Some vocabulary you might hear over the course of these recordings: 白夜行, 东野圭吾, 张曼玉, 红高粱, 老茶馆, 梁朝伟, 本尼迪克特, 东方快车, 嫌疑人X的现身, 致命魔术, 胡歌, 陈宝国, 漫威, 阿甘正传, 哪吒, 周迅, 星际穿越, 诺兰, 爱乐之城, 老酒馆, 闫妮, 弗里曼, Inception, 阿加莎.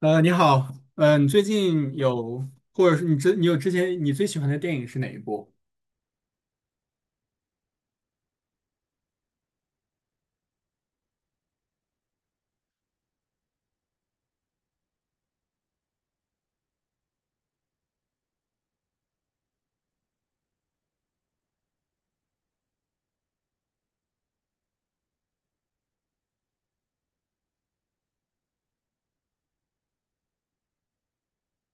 你好，你最近有，或者是你之你有之前你最喜欢的电影是哪一部？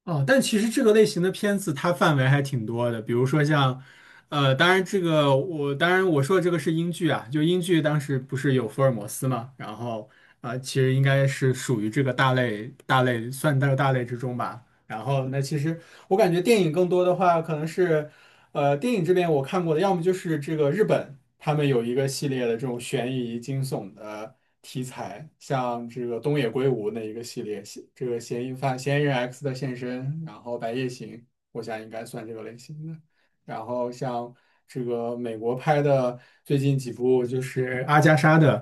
哦，但其实这个类型的片子它范围还挺多的，比如说像，当然这个我当然我说的这个是英剧啊，就英剧当时不是有福尔摩斯嘛，然后其实应该是属于这个大类大类算到大类之中吧。然后那其实我感觉电影更多的话可能是。电影这边我看过的，要么就是这个日本，他们有一个系列的这种悬疑惊悚的题材，像这个东野圭吾那一个系列，嫌这个嫌疑犯嫌疑人 X 的现身，然后《白夜行》，我想应该算这个类型的。然后像这个美国拍的最近几部，就是阿加莎的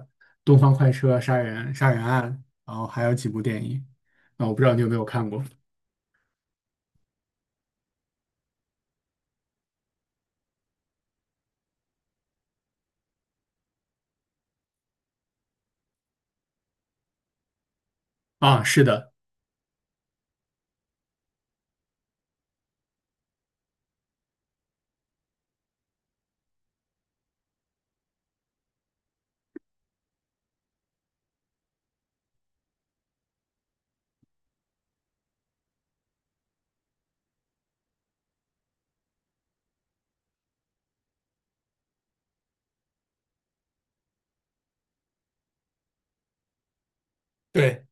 《东方快车》杀人案，然后还有几部电影啊，我不知道你有没有看过啊？是的。对。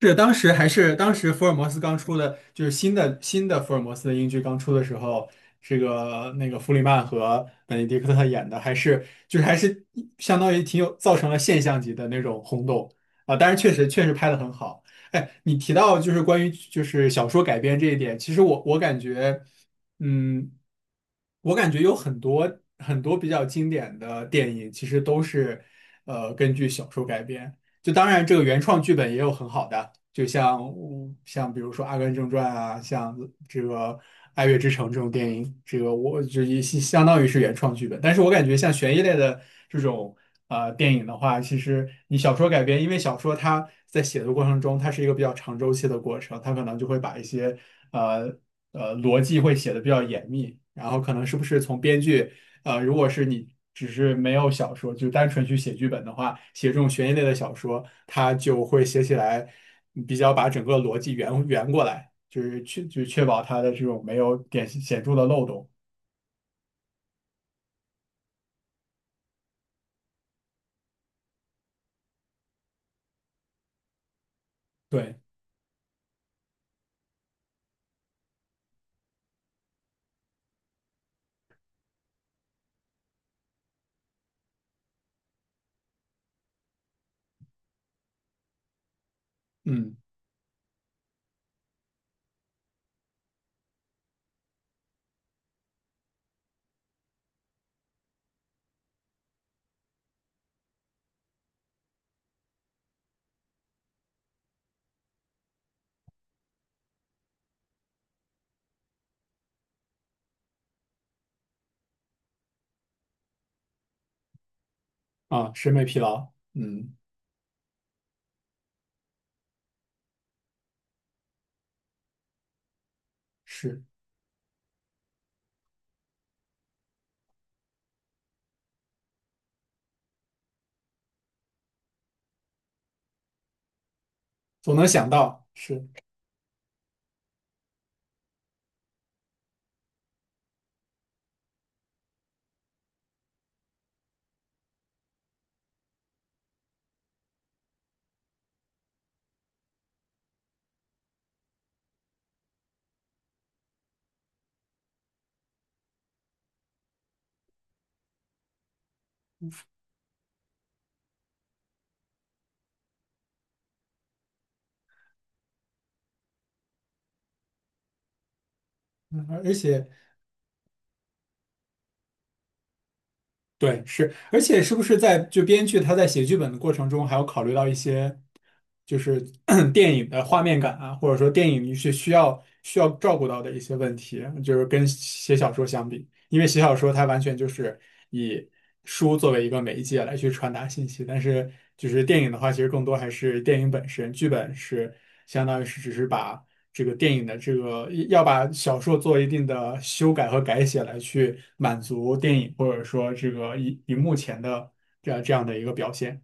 是当时福尔摩斯刚出的，就是新的福尔摩斯的英剧刚出的时候，这个那个弗里曼和本尼迪克特演的，还是就是还是相当于挺有造成了现象级的那种轰动啊！当然确实拍的很好。哎，你提到就是关于就是小说改编这一点，其实我感觉，嗯，我感觉有很多比较经典的电影，其实都是根据小说改编。就当然这个原创剧本也有很好的。就像像比如说《阿甘正传》啊，像这个《爱乐之城》这种电影，这个我就也当于是原创剧本。但是我感觉像悬疑类的这种电影的话，其实你小说改编，因为小说它在写的过程中，它是一个比较长周期的过程，它可能就会把一些呃逻辑会写的比较严密，然后可能是不是从编剧。如果是你只是没有小说，就单纯去写剧本的话，写这种悬疑类的小说，它就会写起来比较把整个逻辑圆过来，就是确保它的这种没有点显著的漏洞。对，嗯，啊，审美疲劳，嗯，是，总能想到，是，嗯而且。对，是，而且是不是在就编剧他在写剧本的过程中，还要考虑到一些就是 咳电影的画面感啊，或者说电影是需要照顾到的一些问题，就是跟写小说相比，因为写小说它完全就是以书作为一个媒介来去传达信息，但是就是电影的话，其实更多还是电影本身，剧本是相当于是只是把这个电影的这个要把小说做一定的修改和改写来去满足电影或者说这个荧幕前的这样的一个表现，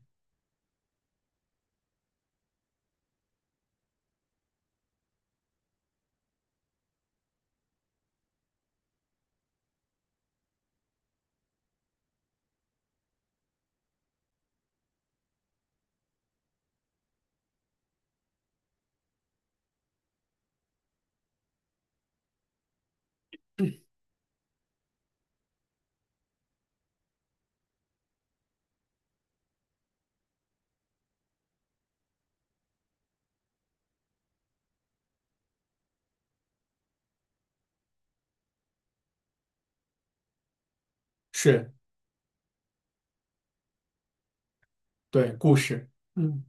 是对故事，嗯。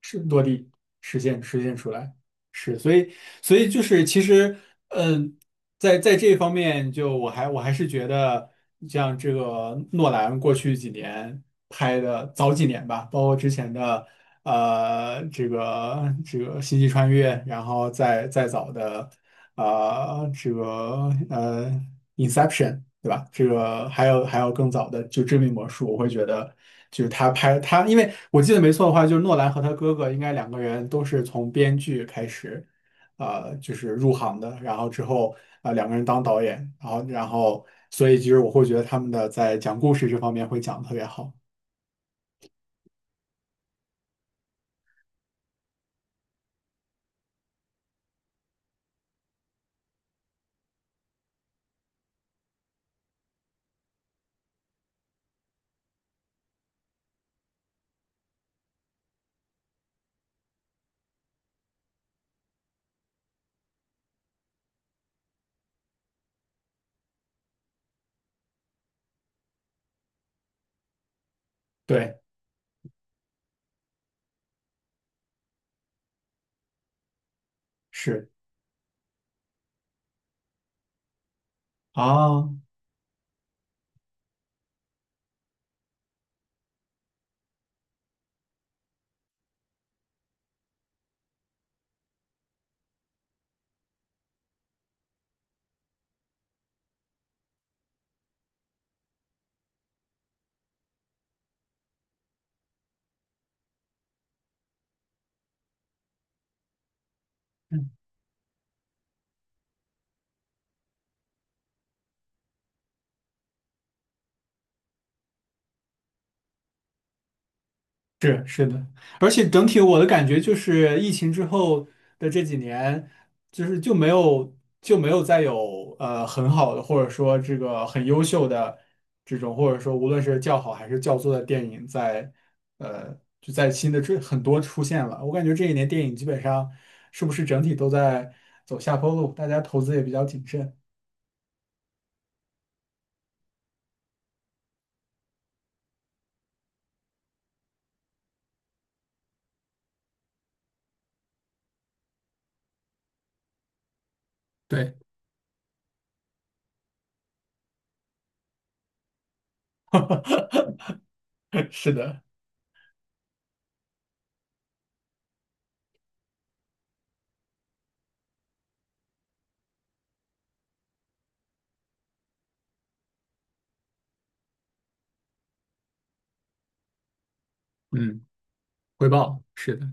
是落地实现出来，是，所以就是其实，嗯，在这方面，就我还是觉得，像这个诺兰过去几年拍的早几年吧，包括之前的星际穿越，然后再早的。啊、这个《Inception》,对吧？这个还有更早的，就《致命魔术》，我会觉得就是他拍他，因为我记得没错的话，就是诺兰和他哥哥应该两个人都是从编剧开始，就是入行的，然后之后两个人当导演，然后所以其实我会觉得他们的在讲故事这方面会讲得特别好，对，是啊。是是的，而且整体我的感觉就是，疫情之后的这几年，就是就没有就没有再有很好的，或者说这个很优秀的这种，或者说无论是较好还是较作的电影在，就在新的这很多出现了。我感觉这一年电影基本上是不是整体都在走下坡路，大家投资也比较谨慎。对，是的。嗯，回报是的。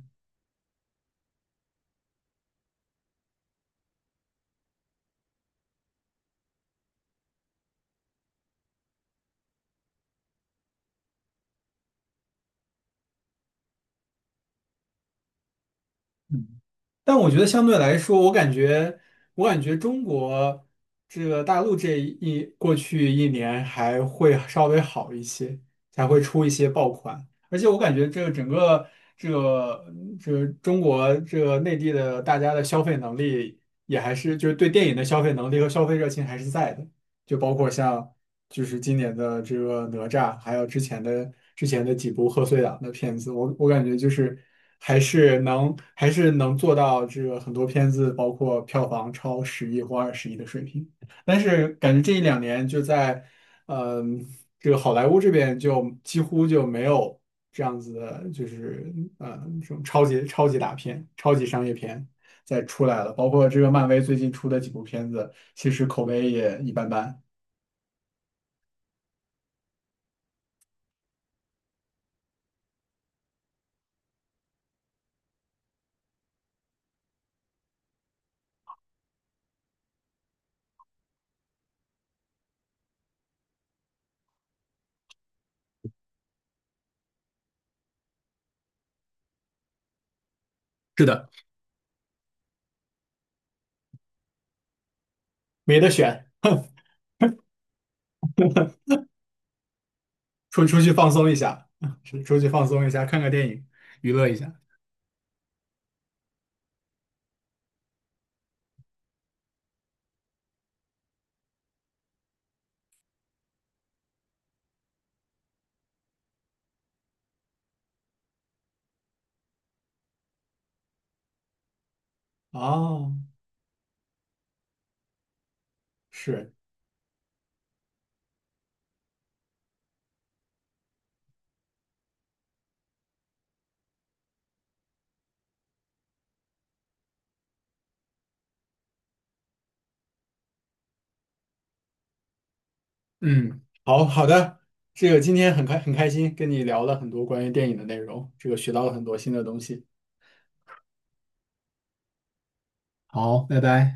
嗯但我觉得相对来说，我感觉，我感觉中国这个大陆这一过去一年还会稍微好一些，才会出一些爆款。而且我感觉这个整个这个这个中国这个内地的大家的消费能力也还是就是对电影的消费能力和消费热情还是在的，就包括像就是今年的这个哪吒，还有之前的几部贺岁档的片子，我感觉就是还是能做到这个很多片子，包括票房超十亿或20亿的水平。但是感觉这一两年就在，嗯、这个好莱坞这边就几乎就没有这样子的，就是这种超级大片、超级商业片再出来了，包括这个漫威最近出的几部片子，其实口碑也一般般。是的。没得选，出去放松一下，出去放松一下，看看电影，娱乐一下。哦，是，嗯，好好的，这个今天很开心，跟你聊了很多关于电影的内容，这个学到了很多新的东西。好，拜拜。